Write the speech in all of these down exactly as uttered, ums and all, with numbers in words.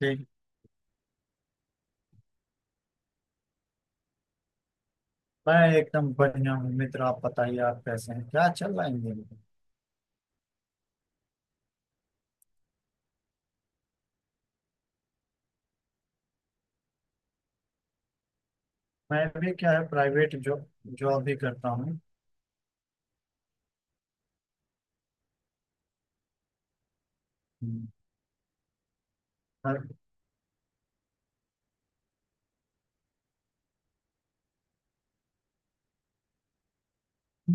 ठीक। मैं एकदम बढ़िया हूँ मित्र। आप बताइए, आप कैसे हैं? क्या चल रहा है इन दिनों? मैं भी, क्या है, प्राइवेट जॉब। जॉब भी करता हूँ। हम्म। और।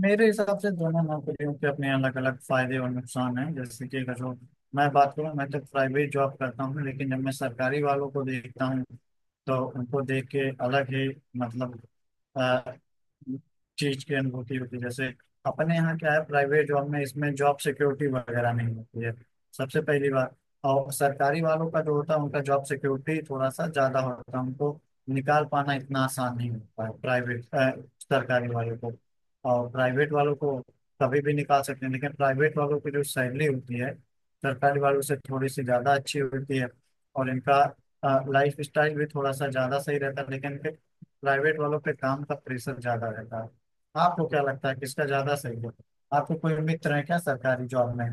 मेरे हिसाब से दोनों नौकरियों के अपने अलग अलग फायदे और नुकसान हैं, जैसे कि अगर जो मैं बात करूं, मैं तो प्राइवेट जॉब करता हूं, लेकिन जब मैं सरकारी वालों को देखता हूं तो उनको देख के अलग ही मतलब अ, चीज की अनुभूति होती है। जैसे अपने यहाँ क्या है, प्राइवेट जॉब में इसमें जॉब सिक्योरिटी वगैरह नहीं होती है, सबसे पहली बात। और सरकारी वालों का जो होता है, उनका जॉब सिक्योरिटी थोड़ा सा ज्यादा होता है, उनको निकाल पाना इतना आसान नहीं होता है। प्राइवेट, सरकारी वालों को और प्राइवेट वालों को कभी भी निकाल सकते हैं, लेकिन प्राइवेट वालों की जो सैलरी होती है, सरकारी वालों से थोड़ी सी ज़्यादा अच्छी होती है, और इनका लाइफ स्टाइल भी थोड़ा सा ज़्यादा सही रहता है, लेकिन इनके, प्राइवेट वालों पे काम का प्रेशर ज़्यादा रहता है। आपको क्या लगता है किसका ज़्यादा सही है? आपको कोई मित्र है क्या सरकारी जॉब में?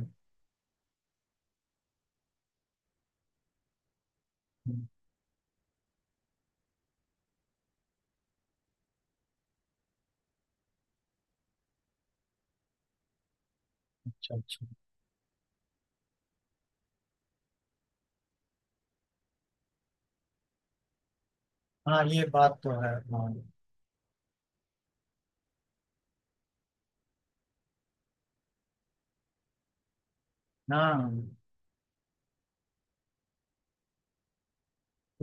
अच्छा अच्छा। हाँ ये बात तो है, हाँ। हाँ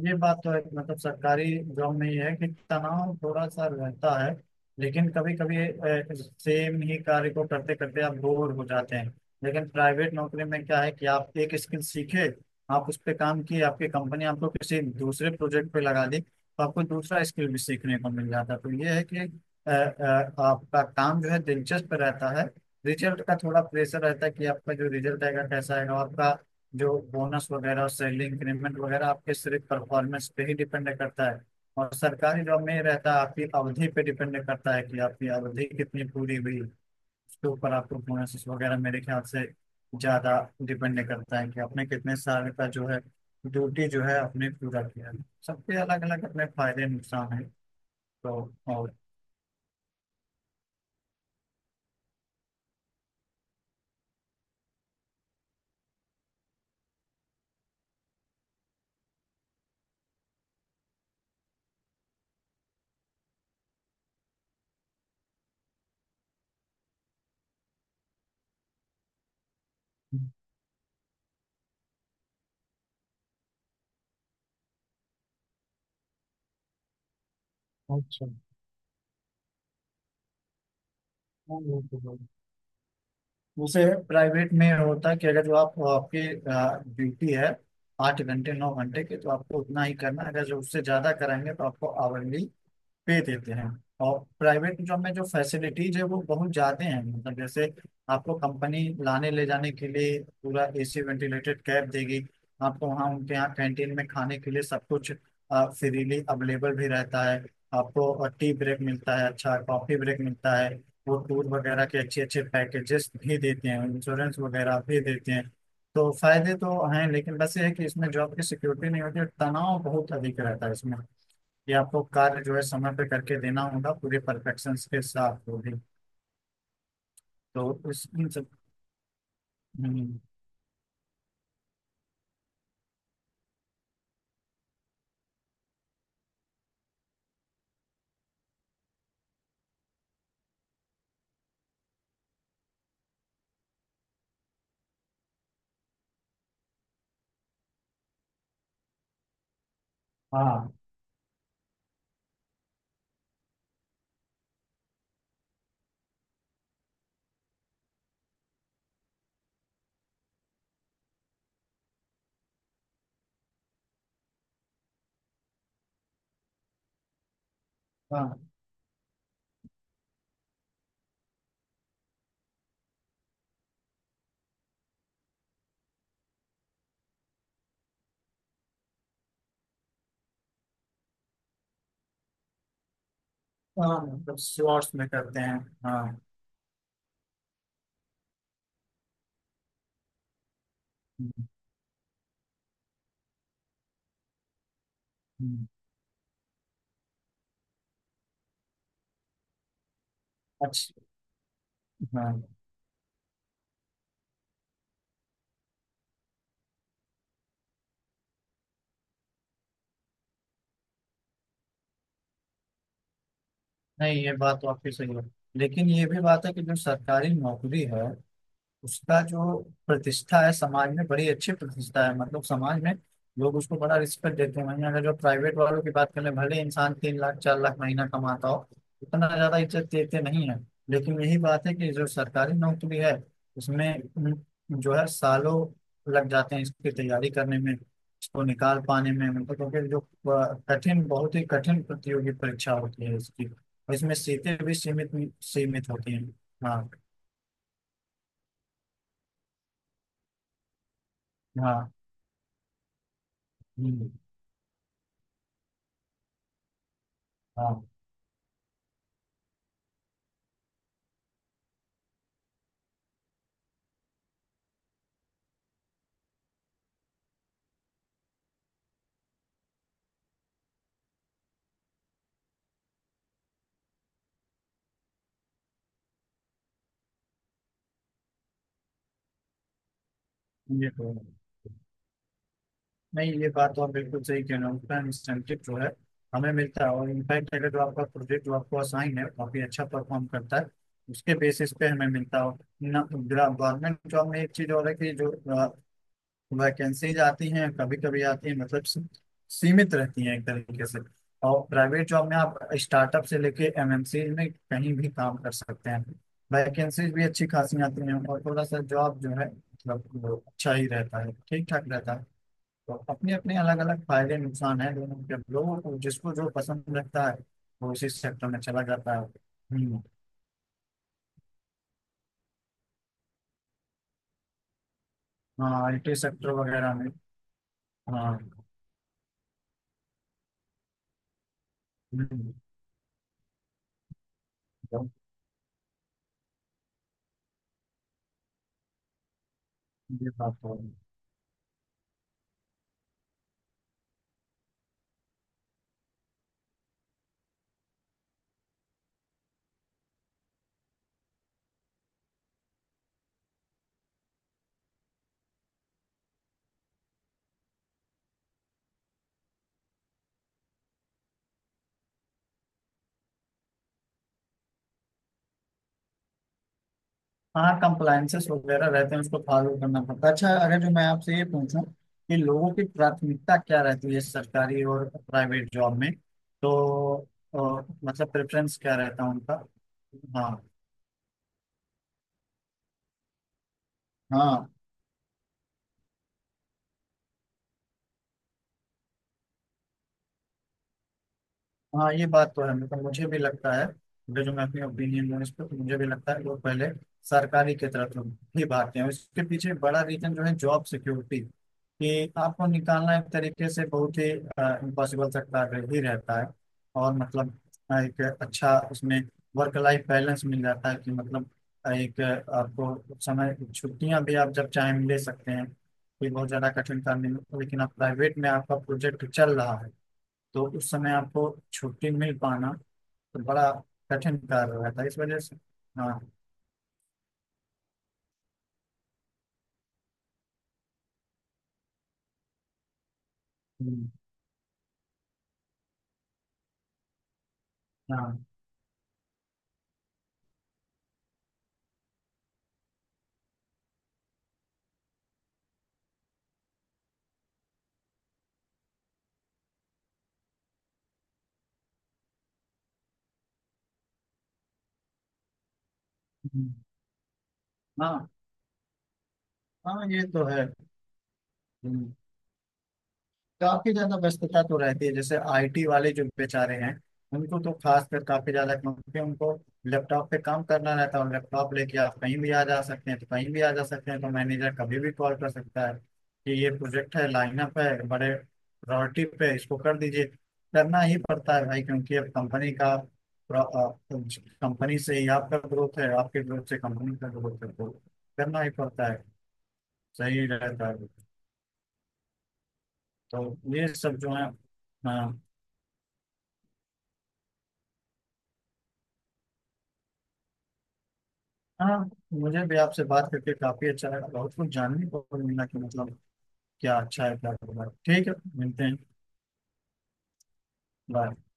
ये बात तो है कि मतलब सरकारी जॉब में ये है कि तनाव थोड़ा सा रहता है, लेकिन कभी कभी सेम ही कार्य को करते करते आप बोर हो जाते हैं। लेकिन प्राइवेट नौकरी में क्या है कि आप एक स्किल सीखे, आप उस पर काम किए, आपकी कंपनी आपको किसी दूसरे प्रोजेक्ट पे लगा दी, तो आपको दूसरा स्किल भी सीखने को मिल जाता है। तो ये है कि अ, अ, आपका काम जो है दिलचस्प रहता है। रिजल्ट का थोड़ा प्रेशर रहता है कि आपका जो रिजल्ट आएगा कैसा आएगा, आपका जो बोनस वगैरह, सैलरी इंक्रीमेंट वगैरह आपके सिर्फ परफॉर्मेंस पे ही डिपेंड करता है। और सरकारी जॉब में ये रहता है, आपकी अवधि पे डिपेंड करता है कि आपकी अवधि कितनी पूरी हुई, उसके ऊपर आपको बोनस वगैरह मेरे ख्याल से ज्यादा डिपेंड करता है, कि आपने कितने साल का जो है ड्यूटी जो है आपने पूरा किया है। सबके अलग अलग अपने फायदे नुकसान है। तो। और। अच्छा। हाँ, वो तो है। उसे प्राइवेट में होता है कि अगर जो आप, आपकी ड्यूटी है आठ घंटे नौ घंटे की, तो आपको उतना ही करना है। अगर जो उससे ज्यादा कराएंगे तो आपको आवरली पे देते हैं। और प्राइवेट जॉब में जो फैसिलिटीज है वो बहुत ज्यादा हैं, मतलब जैसे आपको कंपनी लाने ले जाने के लिए पूरा एसी वेंटिलेटेड कैब देगी, आपको वहाँ उनके यहाँ कैंटीन में खाने के लिए सब कुछ फ्रीली अवेलेबल भी रहता है, आपको टी ब्रेक मिलता है, अच्छा कॉफी ब्रेक मिलता है, वो टूर वगैरह के अच्छे अच्छे पैकेजेस भी देते हैं, इंश्योरेंस वगैरह भी देते हैं। तो फायदे तो हैं, लेकिन बस ये है कि इसमें जॉब की सिक्योरिटी नहीं होती और तनाव बहुत अधिक रहता है इसमें, कि आपको कार्य जो है समय पे करके देना होगा पूरे परफेक्शन के साथ, वो भी। तो उस, इन सब। हम्म। हाँ। हाँ। हाँ मतलब शॉर्ट्स में करते हैं। हाँ। हम्म। हम्म। अच्छा। हाँ। नहीं ये बात तो आपकी सही है, लेकिन ये भी बात है कि जो सरकारी नौकरी है, उसका जो प्रतिष्ठा है समाज में, बड़ी अच्छी प्रतिष्ठा है, मतलब समाज में लोग उसको बड़ा रिस्पेक्ट देते हैं। वहीं अगर जो प्राइवेट वालों की बात करें, भले इंसान तीन लाख चार लाख महीना कमाता हो, उतना ज्यादा इज्जत देते नहीं है। लेकिन यही बात है कि जो सरकारी नौकरी है, उसमें उम, जो है सालों लग जाते हैं इसकी तैयारी करने में, इसको निकाल पाने में। मतलब क्योंकि जो अ, कठिन, बहुत ही कठिन प्रतियोगी परीक्षा होती है इसकी, और इसमें सीटें भी सीमित, सीमित होती हैं। हाँ। हाँ। हम्म। हाँ ये तो है। नहीं ये बात तो आप बिल्कुल सही कह रहे हो, उतना इंसेंटिव जो है हमें मिलता है, और इनफैक्ट अगर जो आपका प्रोजेक्ट जो आपको असाइन है काफी अच्छा परफॉर्म करता है, उसके बेसिस पे हमें मिलता हो ना। गवर्नमेंट जॉब में एक चीज और है कि जो वैकेंसीज आती हैं कभी कभी आती हैं, मतलब सी- सीमित रहती हैं एक तरीके से। और प्राइवेट जॉब में आप स्टार्टअप से लेके एमएनसी में कहीं भी काम कर सकते हैं, वैकेंसीज भी अच्छी खासी आती हैं, और थोड़ा सा जॉब जो है, मतलब वो अच्छा ही रहता है, ठीक ठाक रहता है। तो अपने अपने अलग अलग फायदे नुकसान हैं दोनों के, लोगों को जिसको जो पसंद लगता है वो उसी सेक्टर में चला जाता है। हम्म। हाँ आईटी सेक्टर वगैरह में। हाँ। हम्म। तो ये बात तो है। हाँ कंप्लायंसेस वगैरह रहते हैं, उसको फॉलो करना पड़ता है। अच्छा, अगर जो मैं आपसे ये पूछूं कि लोगों की प्राथमिकता क्या रहती है सरकारी और प्राइवेट जॉब में, तो अ, मतलब प्रेफरेंस क्या रहता है उनका? हाँ। हाँ। हाँ ये बात तो है, मतलब मुझे भी लगता है, जो जो मैं अपनी ओपिनियन दूँ इस पर, तो मुझे भी लगता है वो पहले सरकारी की तरफ ही भागते हैं। इसके पीछे बड़ा रीजन जो है जॉब सिक्योरिटी, कि आपको निकालना एक तरीके से बहुत ही इम्पॉसिबल सा कार्य ही रहता है। और मतलब अ, एक अच्छा उसमें वर्क लाइफ बैलेंस मिल जाता है, कि मतलब अ, एक अ, आपको समय छुट्टियां भी आप जब चाहें ले सकते हैं, कोई बहुत ज़्यादा कठिन काम नहीं। लेकिन आप प्राइवेट में आपका प्रोजेक्ट चल रहा है तो उस समय आपको छुट्टी मिल पाना तो बड़ा कठिन कार्य हो रहा था, इस वजह से। हाँ। हम्म। हाँ। हम्म। हाँ। हाँ ये तो है। काफी ज्यादा व्यस्तता तो रहती है, जैसे आईटी वाले जो बेचारे हैं, उनको तो खासकर काफी ज्यादा, क्योंकि उनको लैपटॉप पे काम करना रहता है, और लैपटॉप लेके आप कहीं भी आ जा सकते हैं, तो कहीं भी आ जा सकते हैं तो मैनेजर कभी भी कॉल कर सकता है कि ये प्रोजेक्ट है, लाइनअप है, बड़े प्रायोरिटी पे है, इसको कर दीजिए। करना ही पड़ता है भाई, क्योंकि अब कंपनी का, कंपनी से ही आपका ग्रोथ है, आपके ग्रोथ से कंपनी का ग्रोथ है, तो करना ही पड़ता है। सही रहता है। तो ये सब जो है। हाँ मुझे भी आपसे बात करके काफी अच्छा लगा, बहुत कुछ जानने को मिला, कि मतलब क्या अच्छा है क्या बुरा है। ठीक है। मिलते हैं। बाय।